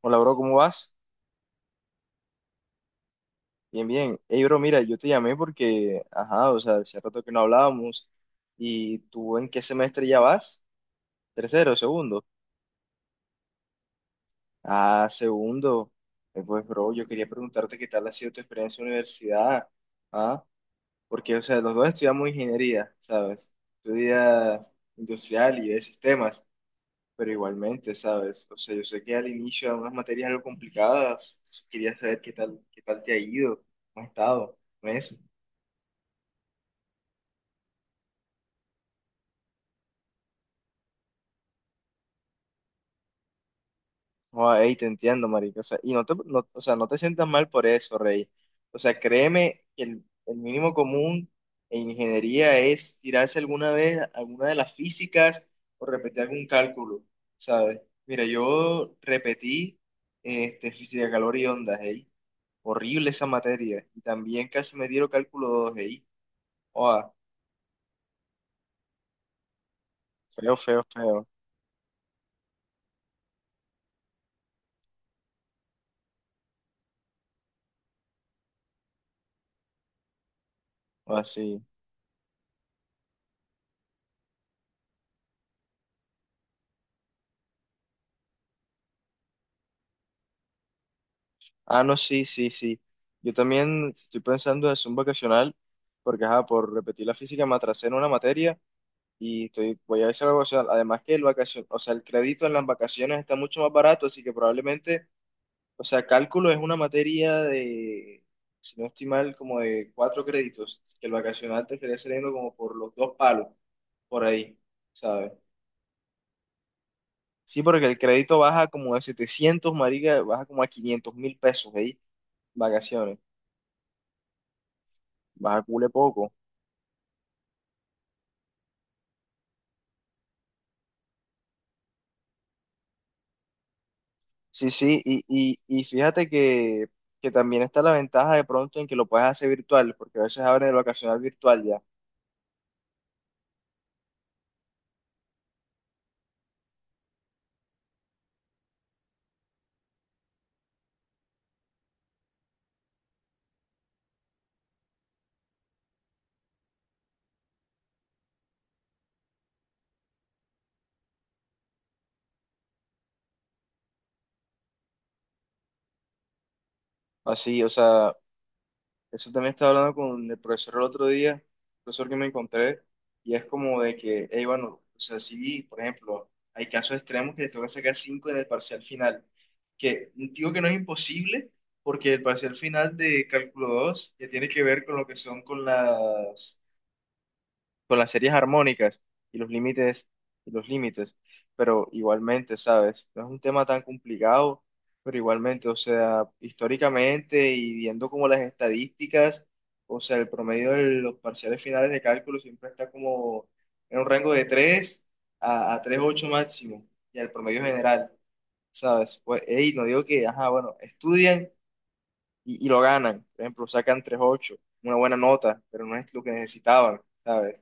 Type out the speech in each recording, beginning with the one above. Hola, bro, ¿cómo vas? Bien, bien. Hey, bro, mira, yo te llamé porque, ajá, o sea, hace rato que no hablábamos. ¿Y tú en qué semestre ya vas? ¿Tercero, segundo? Ah, segundo. Pues, bro, yo quería preguntarte qué tal ha sido tu experiencia en la universidad. Ah, porque, o sea, los dos estudiamos ingeniería, ¿sabes? Estudia industrial y de sistemas, pero igualmente, ¿sabes? O sea, yo sé que al inicio eran unas materias algo complicadas. Quería saber qué tal te ha ido, cómo has estado, ¿no es? Joder, ey, te entiendo, marico. O sea, y no te, no- o sea, no te sientas mal por eso, Rey. O sea, créeme que el mínimo común en ingeniería es tirarse alguna vez alguna de las físicas o repetir algún cálculo, ¿sabes? Mira, yo repetí física de calor y ondas, ey. Horrible esa materia. Y también casi me dieron cálculo 2 ey. Joder, feo, feo, feo. Así. Ah, no, sí, sí, sí. Yo también estoy pensando en Zoom vacacional, porque ajá, por repetir la física me atrasé en una materia y voy a hacer algo, o sea, además que o sea, el crédito en las vacaciones está mucho más barato, así que probablemente, o sea, cálculo es una materia de, si no estoy mal, como de 4 créditos, que el vacacional te estaría saliendo como por los dos palos, por ahí, ¿sabes? Sí, porque el crédito baja como de 700 marica, baja como a 500.000 pesos ahí, vacaciones. Baja cule poco. Sí, sí, y fíjate que también está la ventaja de pronto en que lo puedes hacer virtual, porque a veces abren el ocasional virtual ya. Así, o sea, eso también estaba hablando con el profesor el otro día, el profesor que me encontré, y es como de que, hey, bueno, o sea, sí, por ejemplo, hay casos extremos que les toca sacar 5 en el parcial final, que digo que no es imposible, porque el parcial final de cálculo 2 ya tiene que ver con lo que son con las series armónicas y los límites, pero igualmente, ¿sabes? No es un tema tan complicado, pero igualmente, o sea, históricamente y viendo como las estadísticas, o sea, el promedio de los parciales finales de cálculo siempre está como en un rango de 3 a 3,8 máximo y el promedio general, ¿sabes? Pues, hey, no digo que, ajá, bueno, estudian y lo ganan, por ejemplo, sacan 3,8 una buena nota, pero no es lo que necesitaban. ¿Sabes?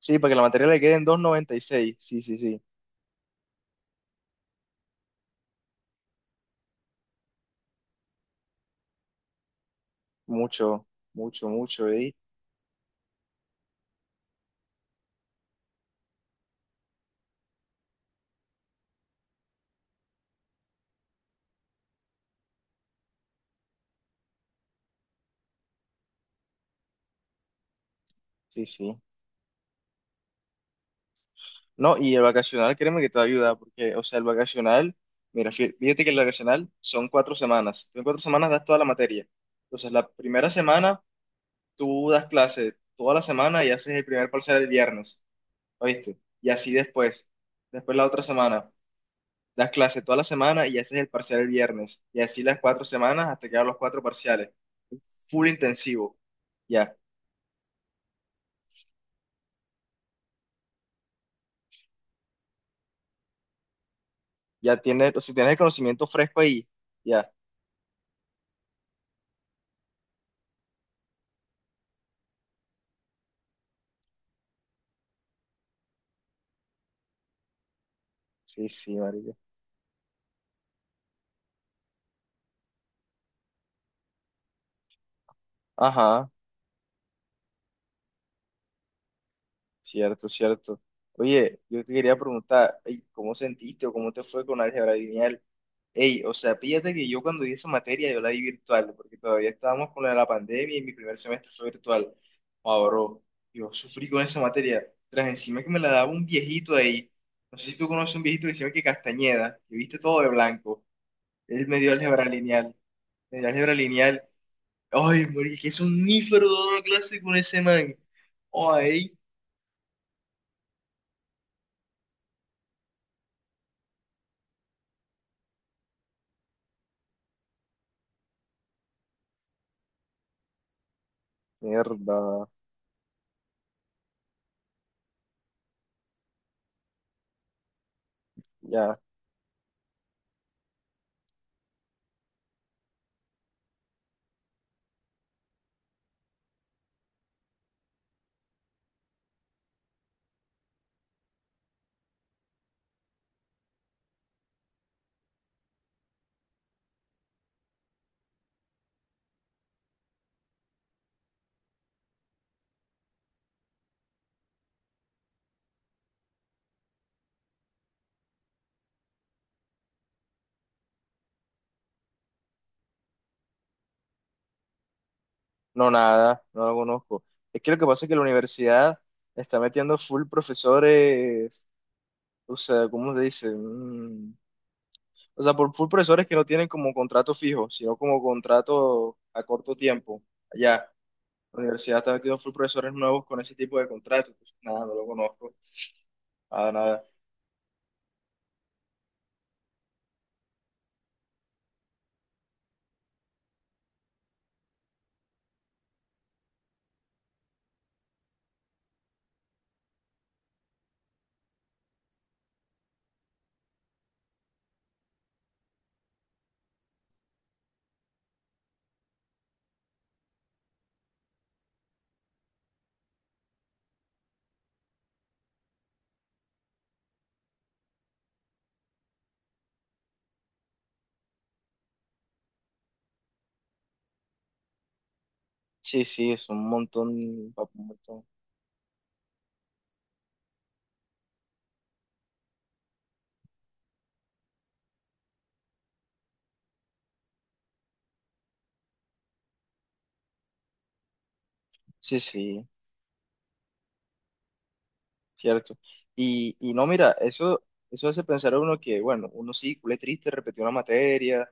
Sí, para que la materia le quede en 2,96. Sí, sí, sí. Mucho, mucho, mucho, ¿eh? Sí, sí. No, y el vacacional, créeme que te va a ayudar, porque, o sea, el vacacional, mira, fíjate que el vacacional son 4 semanas. Tú en 4 semanas das toda la materia. Entonces, la primera semana tú das clase toda la semana y haces el primer parcial el viernes, ¿oíste? Y así después. Después la otra semana das clase toda la semana y haces el parcial el viernes. Y así las 4 semanas hasta quedar los 4 parciales. Full intensivo. Ya. Ya tiene, o sea, tiene el conocimiento fresco ahí. Ya. Sí, sí, marica. Ajá, cierto, cierto. Oye, yo te quería preguntar, ey, ¿cómo sentiste o cómo te fue con álgebra lineal? Ey, o sea, píllate que yo cuando di esa materia yo la di virtual, porque todavía estábamos de la pandemia y mi primer semestre fue virtual. Ahora, yo sufrí con esa materia. Tras encima que me la daba un viejito ahí. No sé si tú conoces un viejito que se llama que Castañeda, que viste todo de blanco. Él me dio álgebra lineal. Me dio álgebra lineal. Ay, marica, es un nífero dando clase con ese man. Ay, mierda, ya. No, nada, no lo conozco. Es que lo que pasa es que la universidad está metiendo full profesores, o sea, ¿cómo se dice? O sea, por full profesores que no tienen como contrato fijo, sino como contrato a corto tiempo. Allá, la universidad está metiendo full profesores nuevos con ese tipo de contrato. Pues, nada, no lo conozco. Nada, nada. Sí, sí, es un montón, papu, un montón. Sí, sí. Cierto. Y no, mira, eso hace pensar a uno que, bueno, uno sí, culé triste, repetió una materia,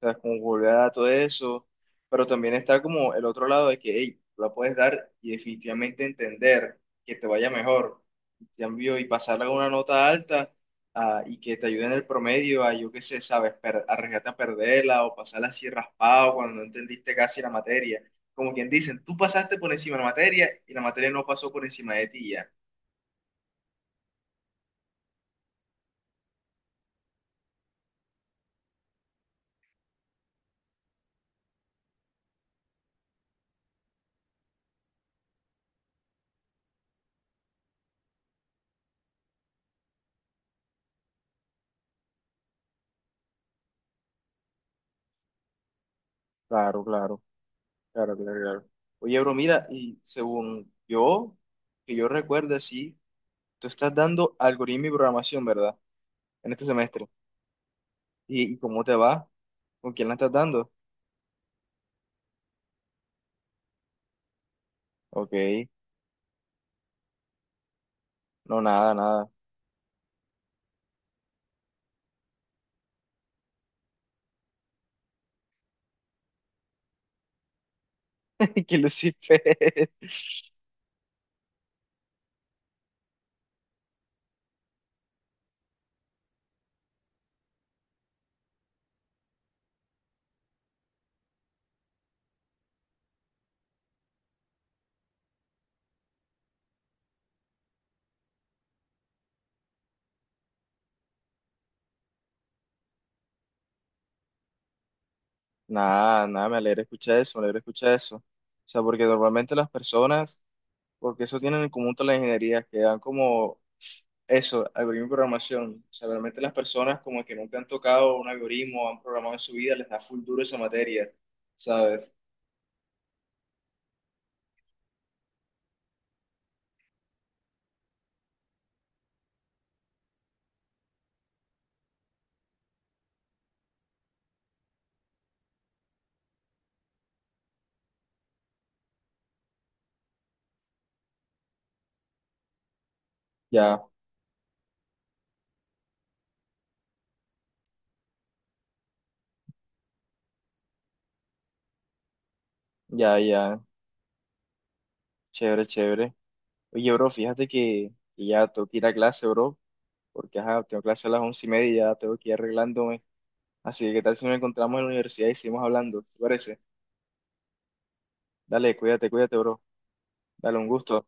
o sea, como volver a dar todo eso, pero también está como el otro lado de que, hey, la puedes dar y definitivamente entender que te vaya mejor, y cambio, y pasarla con una nota alta, ah, y que te ayude en el promedio a, yo qué sé, sabes, arriesgarte a perderla o pasarla así raspado cuando no entendiste casi la materia. Como quien dicen, tú pasaste por encima de la materia y la materia no pasó por encima de ti ya. Claro, claro, claro, claro, claro. Oye, bro, mira, y según yo, que yo recuerde, sí, tú estás dando algoritmo y programación, ¿verdad? En este semestre. ¿Y cómo te va? ¿Con quién la estás dando? Ok, no, nada, nada. Qué lucifer. Nada, nada, me alegra escuchar eso, me alegra escuchar eso. O sea, porque normalmente las personas, porque eso tienen en común todas las ingenierías, que dan como eso, algoritmo y programación. O sea, realmente las personas como que nunca han tocado un algoritmo, han programado en su vida, les da full duro esa materia, ¿sabes? Ya, ya, ya, chévere, chévere. Oye, bro, fíjate que ya tengo que ir a clase, bro, porque ajá, tengo clase a las 11:30 y ya tengo que ir arreglándome. Así que, ¿qué tal si nos encontramos en la universidad y seguimos hablando? ¿Te parece? Dale, cuídate, cuídate, bro. Dale, un gusto.